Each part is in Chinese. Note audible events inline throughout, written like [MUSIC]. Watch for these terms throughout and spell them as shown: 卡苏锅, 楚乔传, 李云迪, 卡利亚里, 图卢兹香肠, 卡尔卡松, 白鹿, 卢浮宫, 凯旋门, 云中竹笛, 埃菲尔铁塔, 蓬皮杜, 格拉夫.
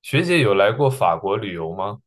学姐有来过法国旅游吗？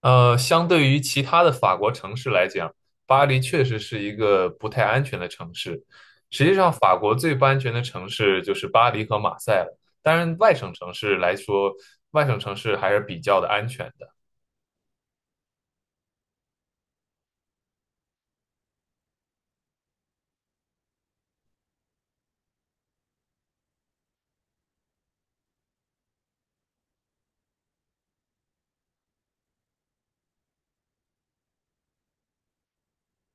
相对于其他的法国城市来讲，巴黎确实是一个不太安全的城市。实际上，法国最不安全的城市就是巴黎和马赛了。当然，外省城市来说，外省城市还是比较的安全的。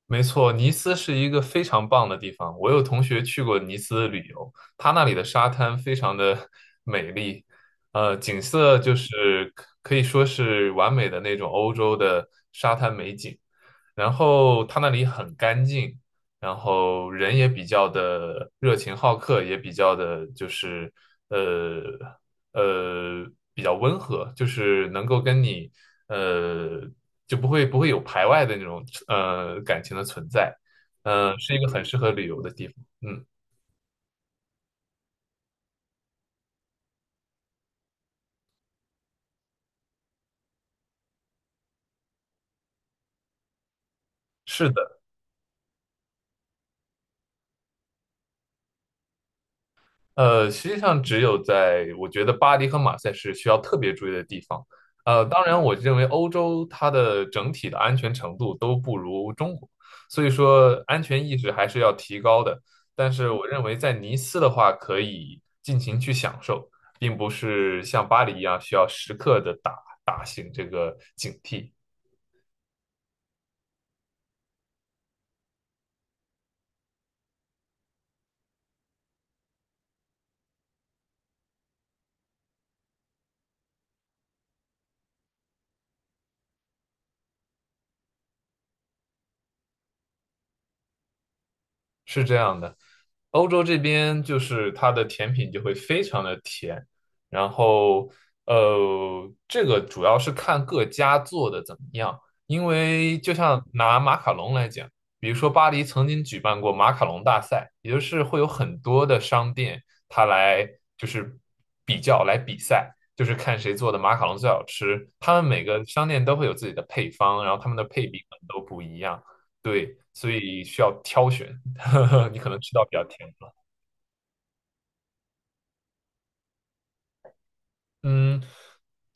没错，尼斯是一个非常棒的地方。我有同学去过尼斯旅游，他那里的沙滩非常的 [LAUGHS] 美丽，景色就是可以说是完美的那种欧洲的沙滩美景。然后它那里很干净，然后人也比较的热情好客，也比较的就是呃呃比较温和，就是能够跟你呃就不会有排外的那种感情的存在，是一个很适合旅游的地方。嗯，是的。实际上只有在我觉得巴黎和马赛是需要特别注意的地方。当然，我认为欧洲它的整体的安全程度都不如中国，所以说安全意识还是要提高的。但是我认为在尼斯的话，可以尽情去享受，并不是像巴黎一样需要时刻的打醒这个警惕。是这样的，欧洲这边就是它的甜品就会非常的甜，然后这个主要是看各家做的怎么样，因为就像拿马卡龙来讲，比如说巴黎曾经举办过马卡龙大赛，也就是会有很多的商店它来就是比较来比赛，就是看谁做的马卡龙最好吃，他们每个商店都会有自己的配方，然后他们的配比可能都不一样，对，所以需要挑选。[LAUGHS] 呵呵，你可能吃到比较甜了。嗯，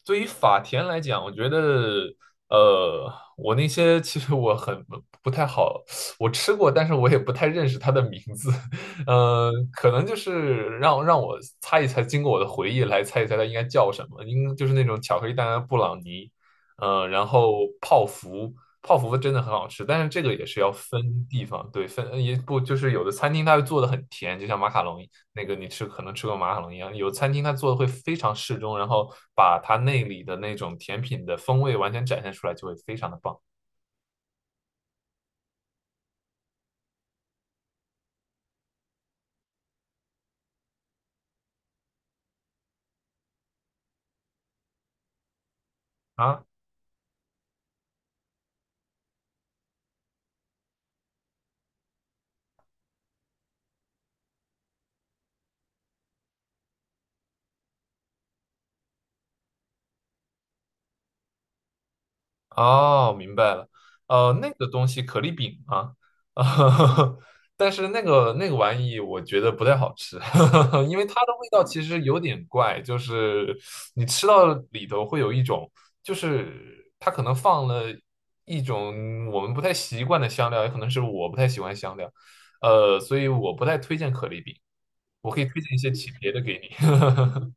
对于法甜来讲，我觉得，呃，我那些其实我很不太好，我吃过，但是我也不太认识它的名字。[LAUGHS] 可能就是让我猜一猜，经过我的回忆来猜一猜它应该叫什么，应就是那种巧克力蛋糕布朗尼，然后泡芙。泡芙真的很好吃，但是这个也是要分地方，对，分也不就是有的餐厅它会做的很甜，就像马卡龙一样。那个你可能吃过马卡龙一样，有餐厅它做的会非常适中，然后把它那里的那种甜品的风味完全展现出来，就会非常的棒啊。哦，明白了。那个东西可丽饼啊，[LAUGHS] 但是那个玩意我觉得不太好吃，[LAUGHS] 因为它的味道其实有点怪，就是你吃到里头会有一种，就是它可能放了一种我们不太习惯的香料，也可能是我不太喜欢香料，所以我不太推荐可丽饼。我可以推荐一些其别的给你。[LAUGHS]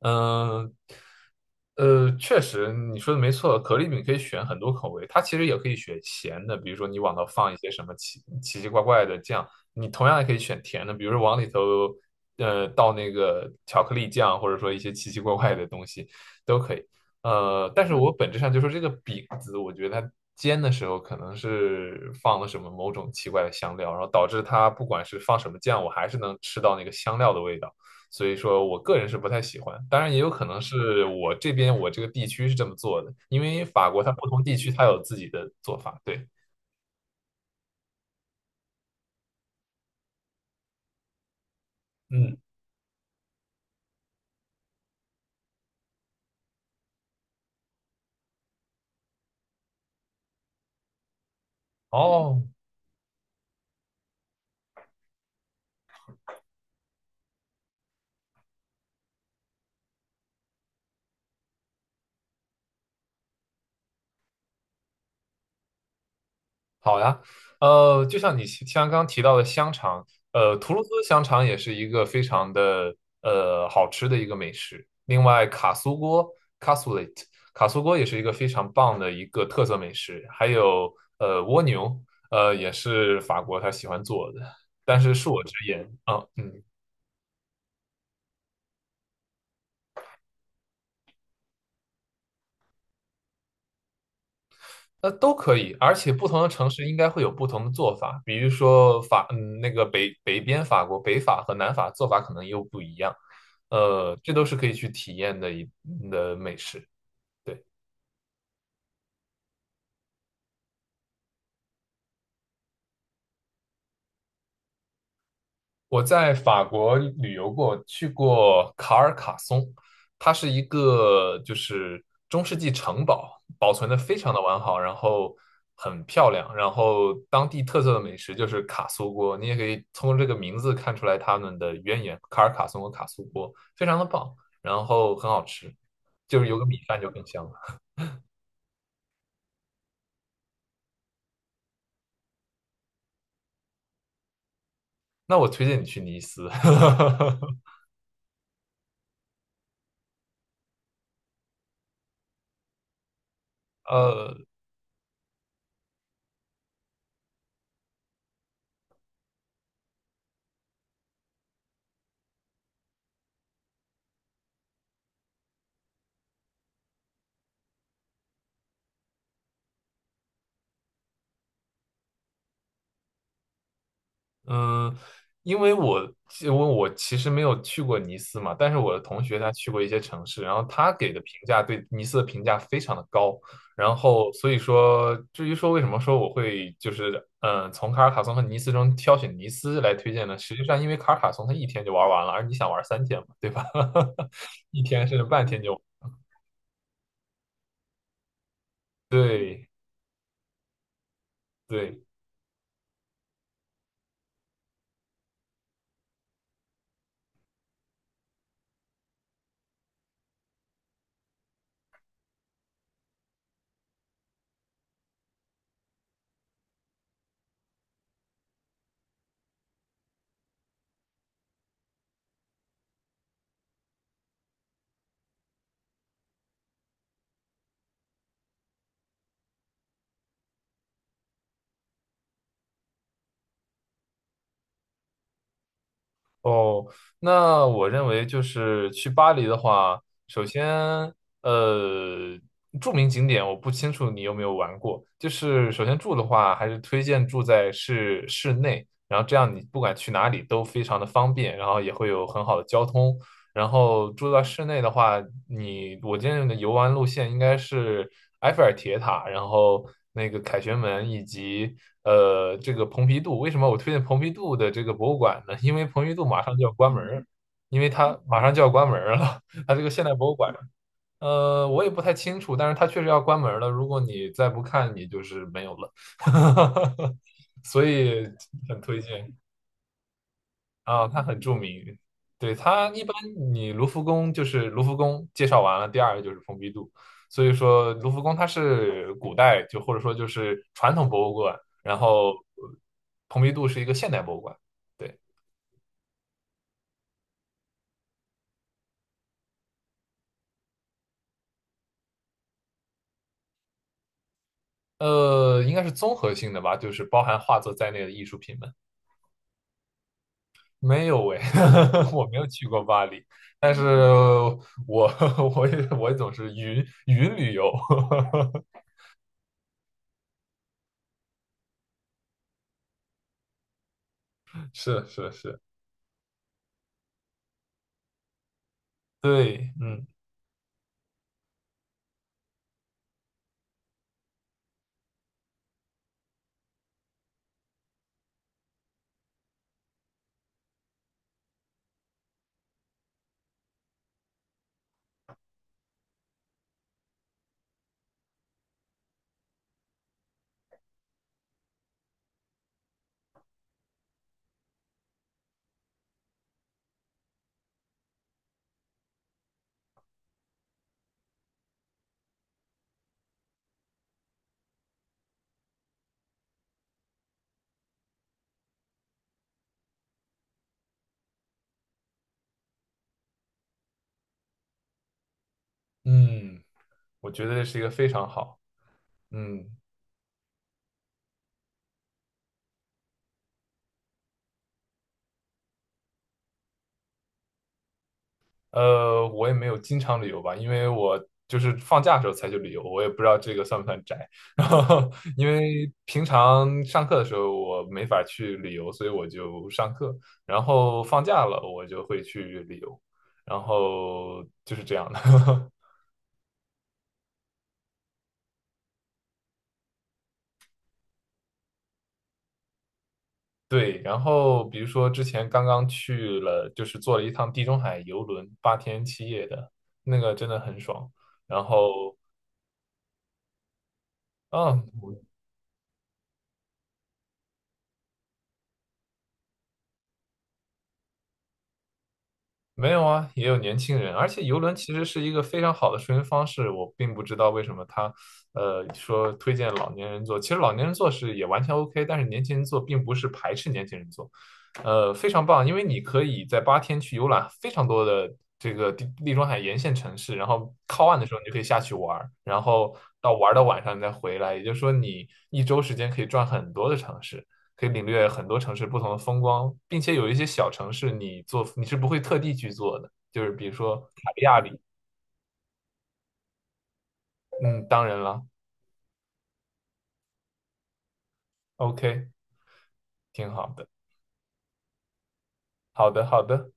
嗯，确实你说的没错，可丽饼可以选很多口味，它其实也可以选咸的，比如说你往头放一些什么奇奇怪怪的酱，你同样也可以选甜的，比如说往里头倒那个巧克力酱，或者说一些奇奇怪怪的东西都可以。但是我本质上就说这个饼子，我觉得它煎的时候可能是放了什么某种奇怪的香料，然后导致它不管是放什么酱，我还是能吃到那个香料的味道。所以说我个人是不太喜欢。当然，也有可能是我这个地区是这么做的，因为法国它不同地区它有自己的做法。对，嗯，哦，好呀，就像刚刚提到的香肠，图卢兹香肠也是一个非常的好吃的一个美食。另外，卡苏锅 （cassoulet） 卡苏锅也是一个非常棒的一个特色美食，还有蜗牛，也是法国他喜欢做的。但是恕我直言啊，那都可以，而且不同的城市应该会有不同的做法，比如说法，嗯，那个北边北法和南法做法可能又不一样，这都是可以去体验的一嗯的美食。对。我在法国旅游过，去过卡尔卡松，它是一个就是中世纪城堡，保存的非常的完好，然后很漂亮，然后当地特色的美食就是卡苏锅，你也可以从这个名字看出来他们的渊源，卡尔卡松和卡苏锅非常的棒，然后很好吃，就是有个米饭就更香了。那我推荐你去尼斯，[LAUGHS] 呃，嗯，因为我因为我其实没有去过尼斯嘛，但是我的同学他去过一些城市，然后他给的评价对尼斯的评价非常的高，然后所以说至于说为什么说我会从卡尔卡松和尼斯中挑选尼斯来推荐呢？实际上因为卡尔卡松他一天就玩完了，而你想玩三天嘛，对吧？[LAUGHS] 一天甚至半天就对对。哦，那我认为就是去巴黎的话，首先，呃，著名景点我不清楚你有没有玩过。就是首先住的话，还是推荐住在市内，然后这样你不管去哪里都非常的方便，然后也会有很好的交通。然后住到室内的话，我建议的游玩路线应该是埃菲尔铁塔，然后那个凯旋门以及这个蓬皮杜。为什么我推荐蓬皮杜的这个博物馆呢？因为蓬皮杜马上就要关门儿，因为它马上就要关门儿了，[LAUGHS] 它这个现代博物馆。我也不太清楚，但是它确实要关门儿了。如果你再不看，你就是没有了，[LAUGHS] 所以很推荐。啊，它很著名。对，它一般你卢浮宫就是卢浮宫介绍完了，第二个就是蓬皮杜。所以说卢浮宫它是古代就或者说就是传统博物馆，然后呃蓬皮杜是一个现代博物馆。对，应该是综合性的吧，就是包含画作在内的艺术品们。没有诶，[LAUGHS] 我没有去过巴黎，但是我 [LAUGHS] 我也总是云旅游，[LAUGHS] 是是是，对，嗯嗯。我觉得这是一个非常好。嗯，我也没有经常旅游吧，因为我就是放假的时候才去旅游，我也不知道这个算不算宅。[LAUGHS] 然后，因为平常上课的时候我没法去旅游，所以我就上课。然后放假了，我就会去旅游。然后就是这样的。[LAUGHS] 对，然后比如说之前刚刚去了，就是坐了一趟地中海游轮，8天7夜的，那个真的很爽。然后，嗯，没有啊，也有年轻人，而且游轮其实是一个非常好的出行方式。我并不知道为什么他，说推荐老年人坐，其实老年人坐是也完全 OK，但是年轻人坐并不是排斥年轻人坐，非常棒，因为你可以在八天去游览非常多的这个地中海沿线城市，然后靠岸的时候你就可以下去玩儿，然后到玩儿到晚上你再回来，也就是说你一周时间可以转很多的城市。可以领略很多城市不同的风光，并且有一些小城市你做你是不会特地去做的，就是比如说卡利亚里，嗯，当然了，OK，挺好的，好的，好的。